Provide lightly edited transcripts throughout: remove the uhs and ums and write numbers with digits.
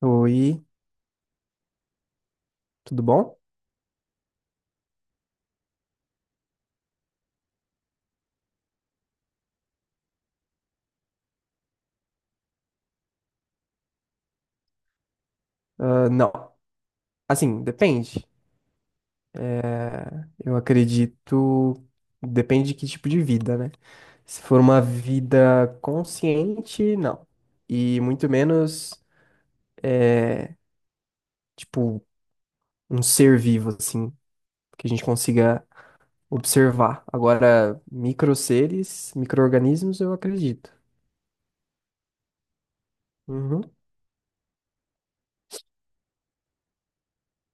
Oi, tudo bom? Ah, não, assim, depende. É, eu acredito, depende de que tipo de vida, né? Se for uma vida consciente, não. E muito menos, é, tipo, um ser vivo, assim, que a gente consiga observar. Agora, micro seres, micro-organismos, eu acredito. Uhum.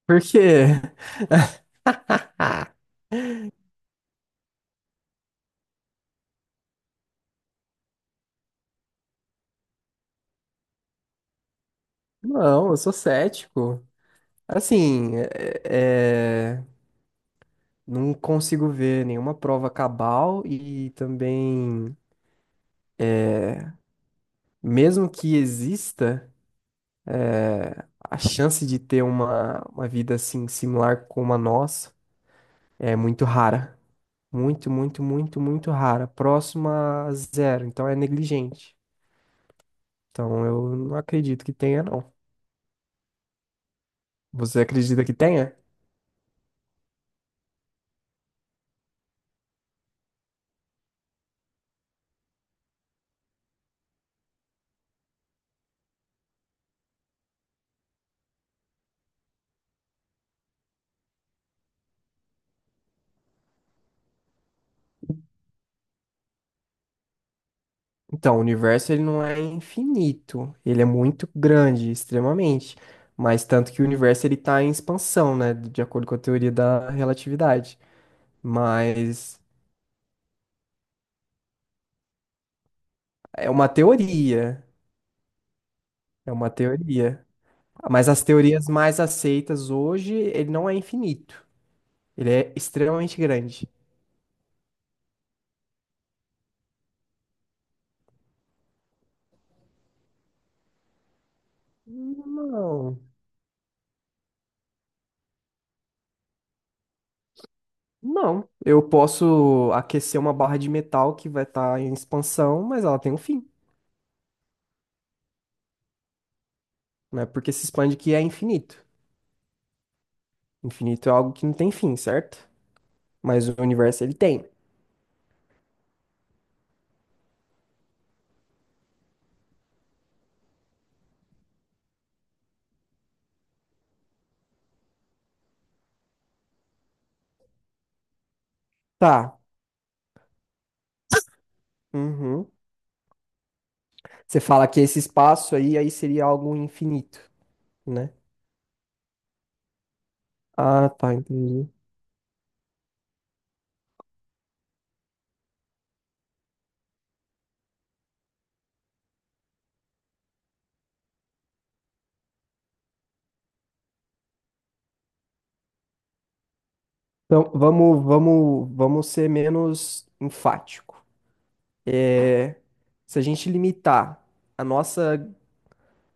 Por quê? Não, eu sou cético. Assim, não consigo ver nenhuma prova cabal e também, mesmo que exista, é, a chance de ter uma vida assim similar como a nossa é muito rara. Muito, muito, muito, muito rara. Próxima a zero. Então é negligente. Então eu não acredito que tenha, não. Você acredita que tenha? Então, o universo ele não é infinito, ele é muito grande, extremamente. Mas tanto que o universo ele está em expansão, né, de acordo com a teoria da relatividade. Mas é uma teoria, é uma teoria. Mas as teorias mais aceitas hoje, ele não é infinito, ele é extremamente grande. Não, não. Eu posso aquecer uma barra de metal que vai estar em expansão, mas ela tem um fim, né? Porque se expande que é infinito. Infinito é algo que não tem fim, certo? Mas o universo ele tem. Tá. Uhum. Você fala que esse espaço aí seria algo infinito, né? Ah, tá, entendi. Então, vamos ser menos enfático. Se a gente limitar a nossa,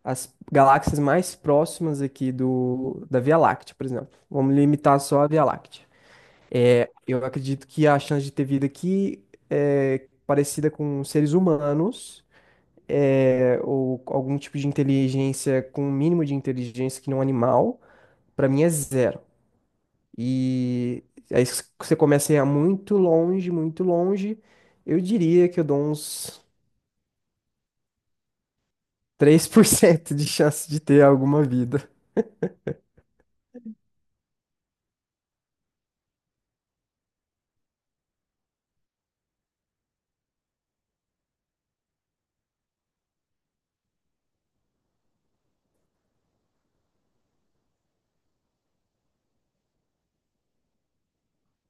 as galáxias mais próximas aqui da Via Láctea, por exemplo, vamos limitar só a Via Láctea. É, eu acredito que a chance de ter vida aqui é parecida com seres humanos é, ou algum tipo de inteligência com um mínimo de inteligência que não animal, pra mim é zero. E aí se você começa a ir muito longe, eu diria que eu dou uns 3% de chance de ter alguma vida.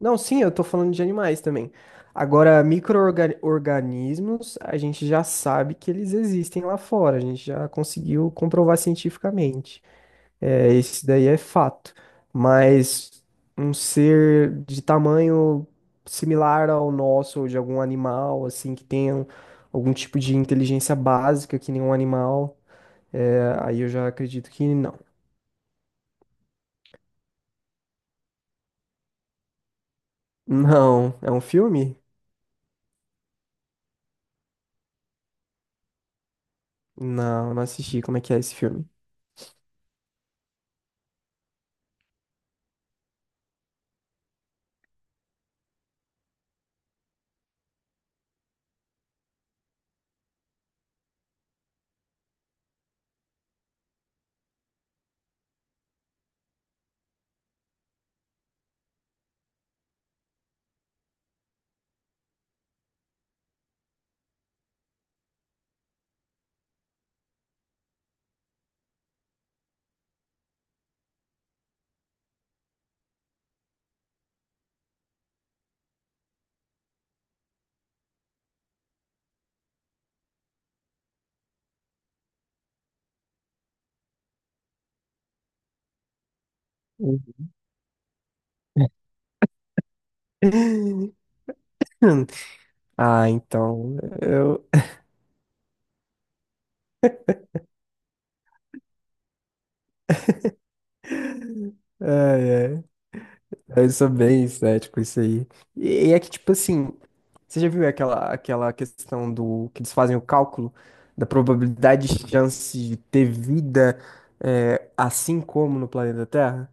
Não, sim, eu tô falando de animais também. Agora, micro-organismos, a gente já sabe que eles existem lá fora, a gente já conseguiu comprovar cientificamente. É, esse daí é fato. Mas um ser de tamanho similar ao nosso, ou de algum animal, assim, que tenha algum tipo de inteligência básica, que nem um animal, é, aí eu já acredito que não. Não, é um filme? Não, não assisti. Como é que é esse filme? Uhum. Ah, então, eu... ai, eu sou bem cético isso aí. E é que, tipo assim, você já viu aquela questão do que eles fazem o cálculo da probabilidade de chance de ter vida é, assim como no planeta Terra?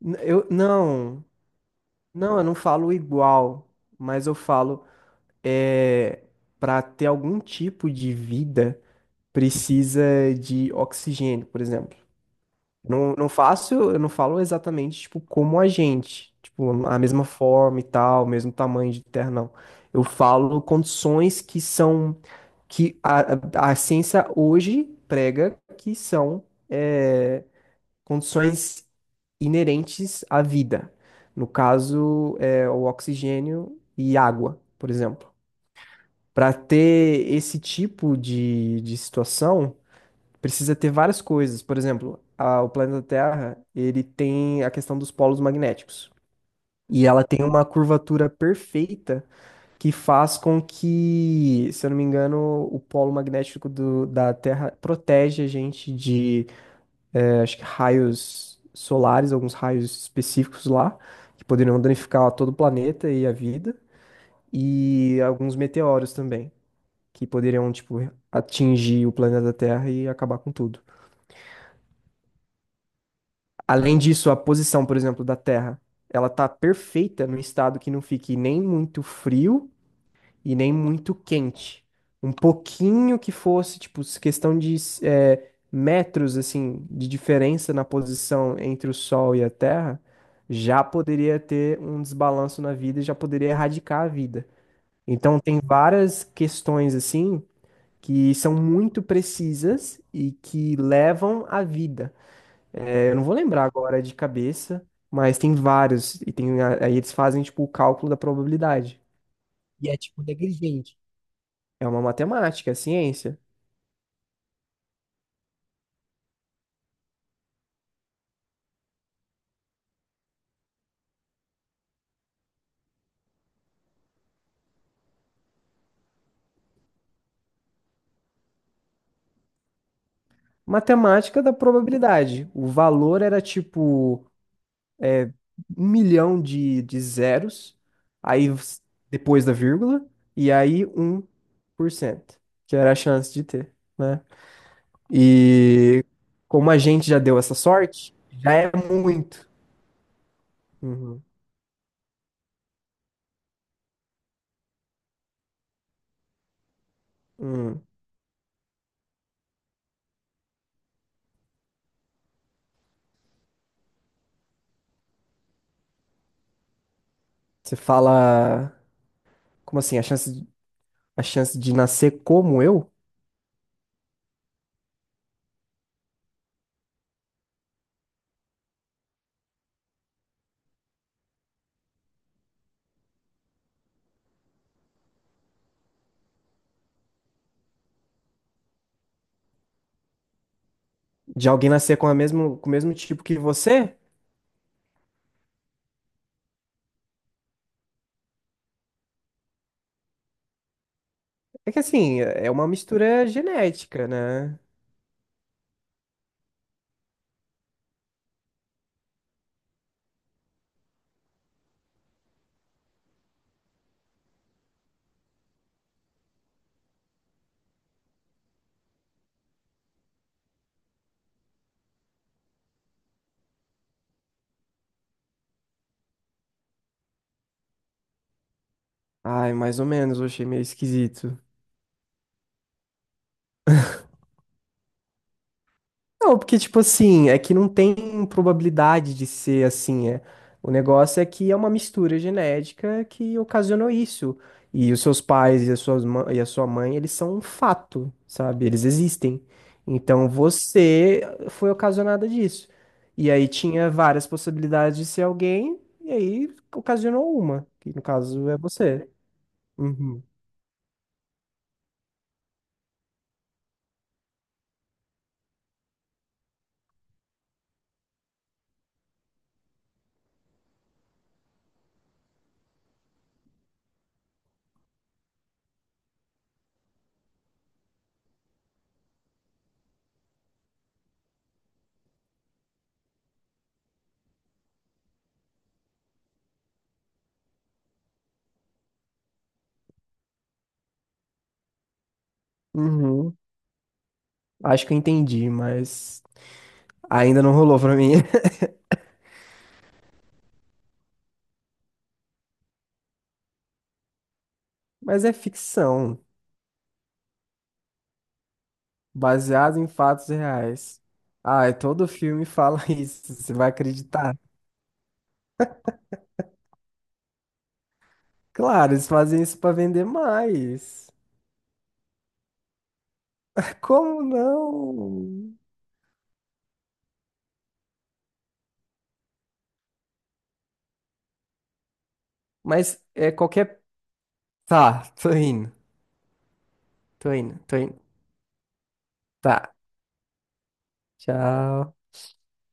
Eu não, eu não falo igual, mas eu falo é, para ter algum tipo de vida precisa de oxigênio, por exemplo. Não, não faço, eu não falo exatamente, tipo, como a gente. Tipo, a mesma forma e tal, mesmo tamanho de terra, não. Eu falo condições que são, que a ciência hoje prega que são é, condições inerentes à vida. No caso, é, o oxigênio e água, por exemplo. Para ter esse tipo de situação, precisa ter várias coisas. Por exemplo, o planeta Terra, ele tem a questão dos polos magnéticos. E ela tem uma curvatura perfeita que faz com que, se eu não me engano, o polo magnético da Terra protege a gente de, acho que raios solares, alguns raios específicos lá, que poderiam danificar todo o planeta e a vida, e alguns meteoros também, que poderiam, tipo, atingir o planeta Terra e acabar com tudo. Além disso, a posição, por exemplo, da Terra, ela tá perfeita num estado que não fique nem muito frio e nem muito quente. Um pouquinho que fosse, tipo, questão de metros, assim, de diferença na posição entre o Sol e a Terra, já poderia ter um desbalanço na vida e já poderia erradicar a vida. Então, tem várias questões, assim, que são muito precisas e que levam à vida. É, eu não vou lembrar agora de cabeça, mas tem vários. E tem, aí eles fazem, tipo, o cálculo da probabilidade. E é tipo negligente. É uma matemática, é ciência. Matemática da probabilidade. O valor era tipo 1.000.000 de zeros, aí s- depois da vírgula, e aí 1%, que era a chance de ter, né? E como a gente já deu essa sorte, já é muito. Uhum. Uhum. Você fala. Como assim? A chance de nascer como eu? De alguém nascer com a mesmo, com o mesmo tipo que você? É que assim, é uma mistura genética, né? Ai, mais ou menos, eu achei meio esquisito. Não, porque, tipo assim, é que não tem probabilidade de ser assim, é. O negócio é que é uma mistura genética que ocasionou isso. E os seus pais e a sua mãe, eles são um fato, sabe? Eles existem. Então você foi ocasionada disso. E aí tinha várias possibilidades de ser alguém, e aí ocasionou uma, que no caso é você. Uhum. Uhum. Acho que eu entendi, mas ainda não rolou pra mim. Mas é ficção. Baseado em fatos reais. Ah, e todo filme fala isso, você vai acreditar? Claro, eles fazem isso para vender mais. Como não? Mas é qualquer. Tá, tô indo, tô indo, tô indo. Tá, tchau.